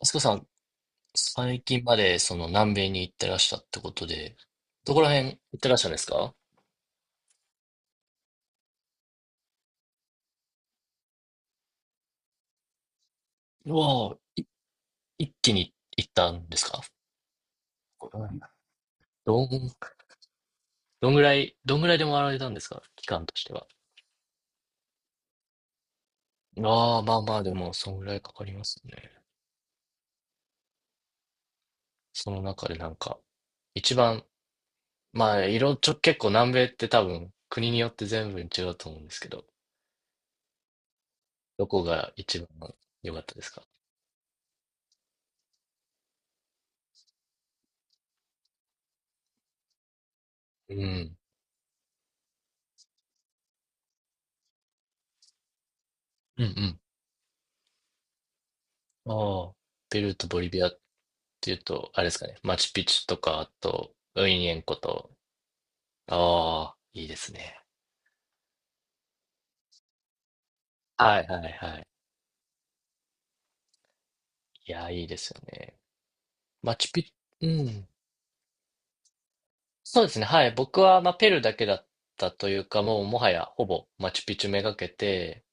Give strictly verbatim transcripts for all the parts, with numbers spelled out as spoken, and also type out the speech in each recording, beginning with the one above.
あすこさん、最近までその南米に行ってらっしたってことで、どこら辺行ってらっしゃるんですか？うわあ、一気に行ったんですか？どん、どんぐらい、どんぐらいで回られたんですか、期間としては？ああ、まあまあ、でも、そんぐらいかかりますね。その中でなんか、一番、まあ、いろ、ちょ、結構南米って多分、国によって全部違うと思うんですけど、どこが一番良かったですか？うん。うんうん。ああ、ペルーとボリビアていうと、あれですかね、マチュピチュとか、あと、ウィニエンコと。ああ、いいですね。はいはいはい。いや、いいですよね。マチュピ、うん。そうですね、はい。僕は、まあ、ペルーだけだったというか、もう、もはや、ほぼ、マチュピチュめがけて、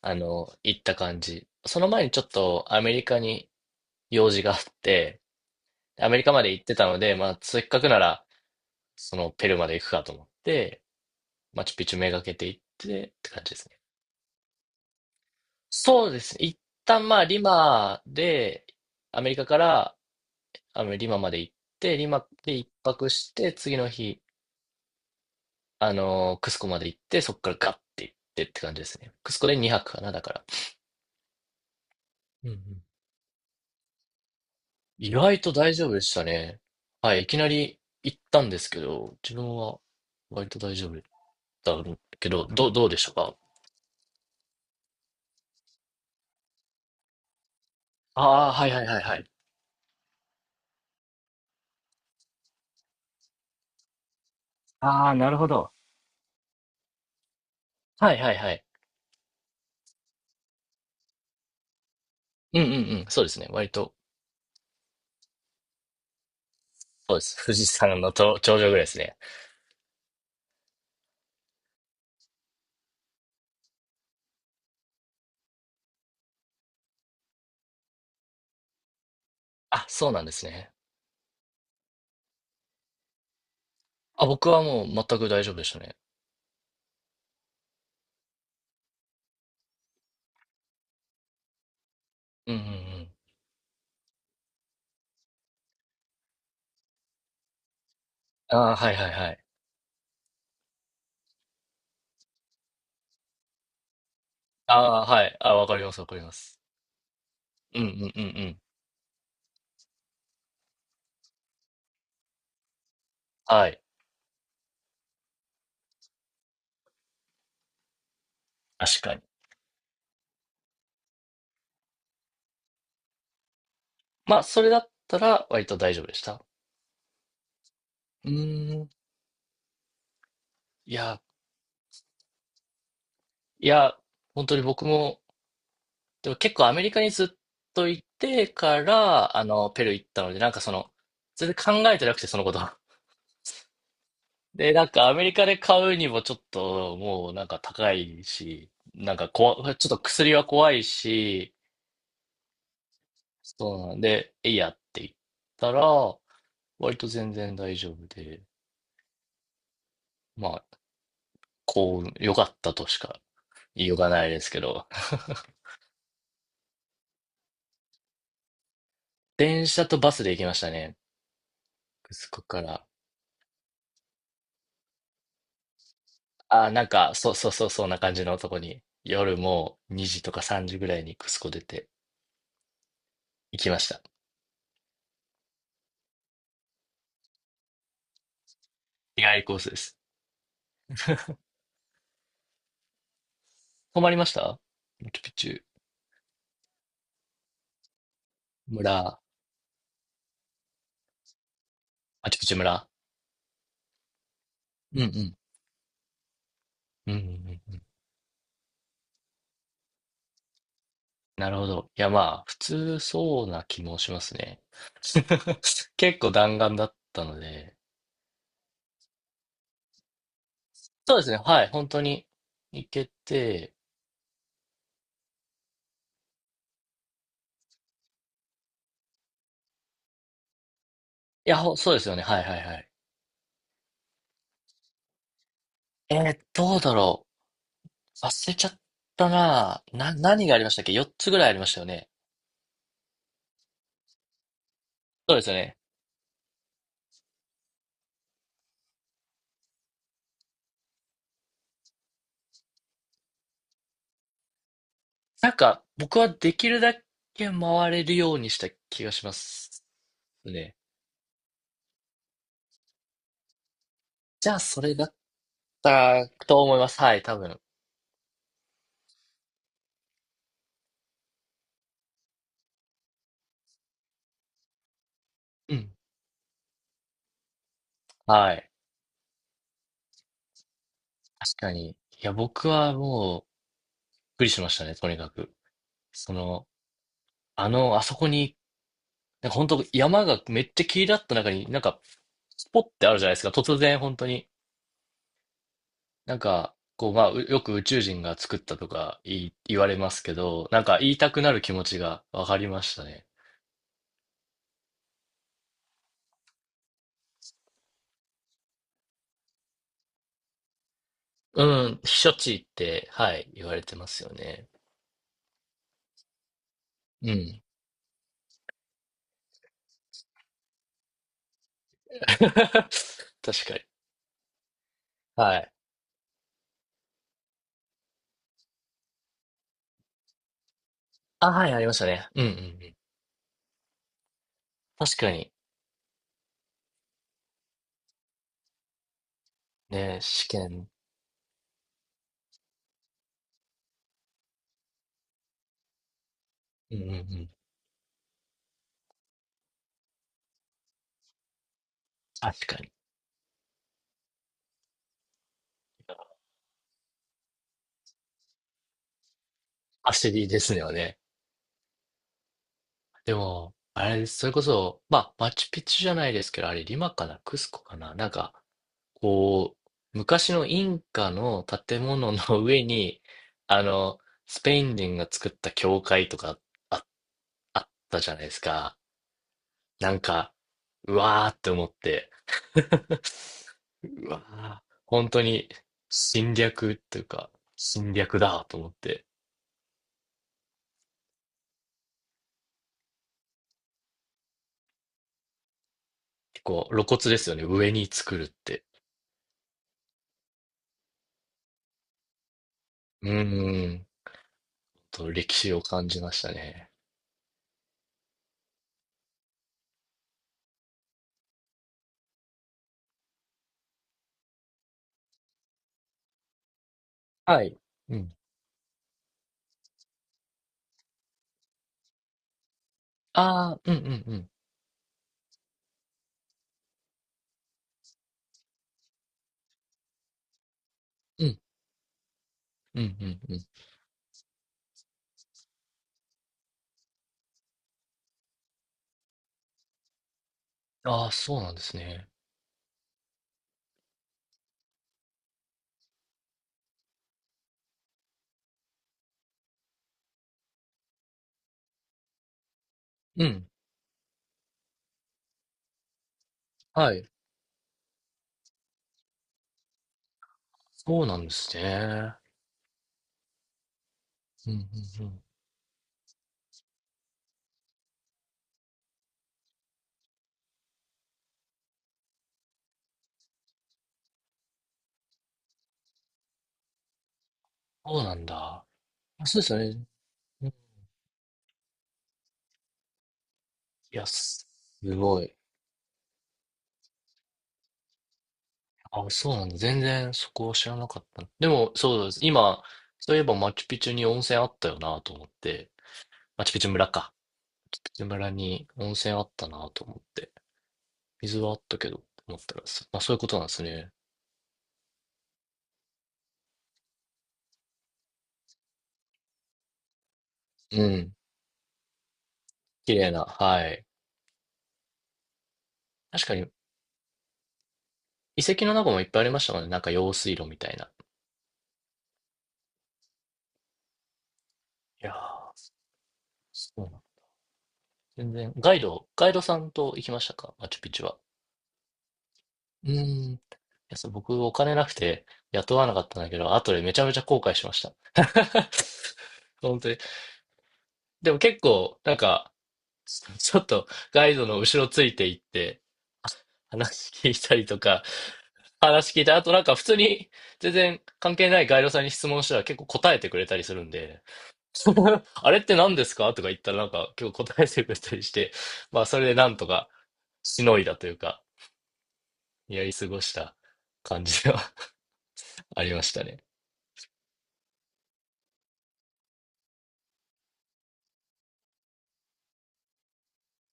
あの、行った感じ。その前にちょっと、アメリカに用事があって、アメリカまで行ってたので、まあ、せっかくなら、その、ペルーまで行くかと思って、マチュピチュめがけて行って、って感じですね。そうですね。一旦まあ、リマで、アメリカから、あの、リマまで行って、リマで一泊して、次の日、あの、クスコまで行って、そこからガッて行ってって感じですね。クスコでにはくかな、だから。うんうん。意外と大丈夫でしたね。はい、いきなり行ったんですけど、自分は割と大丈夫だけど、どう、どうでしたか？ああー、はいはいはいはい。ああ、なるほど。はいはいはい。うんうんうん、そうですね。割と、そうです。富士山のと頂上ぐらいですね。あ、そうなんですね。あ、僕はもう全く大丈夫でしたね。うんうんうん。ああ、はいはいはい。ああ、はい。あ、わかります、わかります。うんうんうんうん。はい。確かに。まあ、それだったら割と大丈夫でした。うーん。いや、いや、本当に僕も、でも結構アメリカにずっといてから、あの、ペルー行ったので、なんかその、全然考えてなくて、そのこと。で、なんかアメリカで買うにもちょっともうなんか高いし、なんか怖、ちょっと薬は怖いし、そうなんで、えいやって言ったら、割と全然大丈夫で、まあ、幸運、良かったとしか言いようがないですけど、電車とバスで行きましたね、クスコから。ああ、なんか、そうそうそう、そんな感じのとこに、夜もうにじとかさんじぐらいにクスコ出て行きました。日帰りコースです。泊まりました、マチュピチュ村、マチュピチュ村。うんうん。うんうんうん。なるほど。いや、まあ、普通そうな気もしますね。結構弾丸だったので。そうですね。はい。本当に行けて。いや、ほそうですよね。はいはいはい。えー、どうだろう。忘れちゃったな。な、何がありましたっけ？ よっ つぐらいありましたよね。そうですよね。なんか、僕はできるだけ回れるようにした気がしますね。じゃあ、それだったと思います。はい、多分。うん。はい。確かに。いや、僕はもう、くりしましたね、とにかく。その、あの、あそこに、なんか本当山がめっちゃ切り立った中に、なんか、スポッてあるじゃないですか、突然本当に。なんか、こう、まあ、うよく宇宙人が作ったとか言い言われますけど、なんか言いたくなる気持ちがわかりましたね。うん、避暑地って、はい、言われてますよね。うん。確かに。はい。あ、はい、ありましたね。うんうんうん。確かに。ね、試験。うんうんうん。確かに。焦りですよね。でも、あれ、それこそ、まあ、マチュピチュじゃないですけど、あれ、リマかな、クスコかな、なんか、こう、昔のインカの建物の 上に、あの、スペイン人が作った教会とかあ、あったじゃないですか。なんか、うわーって思って。うわー、本当に侵略っていうか、侵略だと思って。結構露骨ですよね、上に作るって。うんうんと歴史を感じましたね。はい。うん。ああ、うんうんうん。うん。うんうんうん。ああ、そうなんですね。うん。はい。そうなんですね。うんうんうん。そうなんだ。あ、そうですよね。うん。いや、すすごい。あ、そうなんだ。全然そこを知らなかった。でも、そうです。今、そういえばマチュピチュに温泉あったよなと思って。マチュピチュ村か。ピチュ村に温泉あったなと思って。水はあったけど、思ったら、そまあ、そういうことなんですね。うん。綺麗な、はい。確かに、遺跡の中もいっぱいありましたもんね。なんか用水路みたいな。いやー、そうなの。全然、ガイド、ガイドさんと行きましたか、マチュピチュは？うーん。いや、そう、僕、お金なくて雇わなかったんだけど、後でめちゃめちゃ後悔しました。本当に。でも結構、なんか、ちょっとガイドの後ろついて行って、話聞いたりとか、話聞いた後、なんか普通に全然関係ないガイドさんに質問したら結構答えてくれたりするんで、あれって何ですかとか言ったらなんか今日答えてくれたりして、まあそれでなんとかしのいだというか、やり過ごした感じでは ありましたね。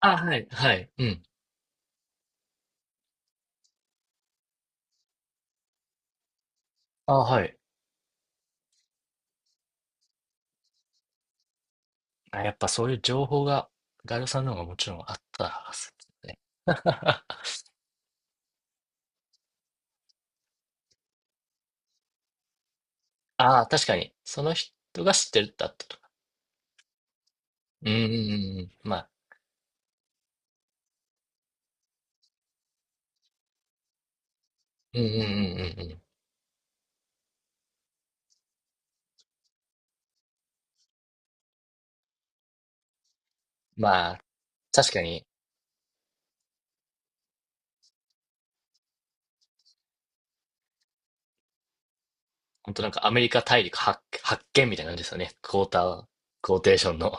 あ、はい、はい、うん。あ、はい。あ、やっぱそういう情報がガイドさんの方がもちろんあったはずですね。ああ、確かに。その人が知ってるだったとか。うんうんうんうん。まあ、うんうんうんうんうん。まあ、確かに、本当なんかアメリカ大陸発、発見みたいな感じですよね。クォーター、クォーテーションの。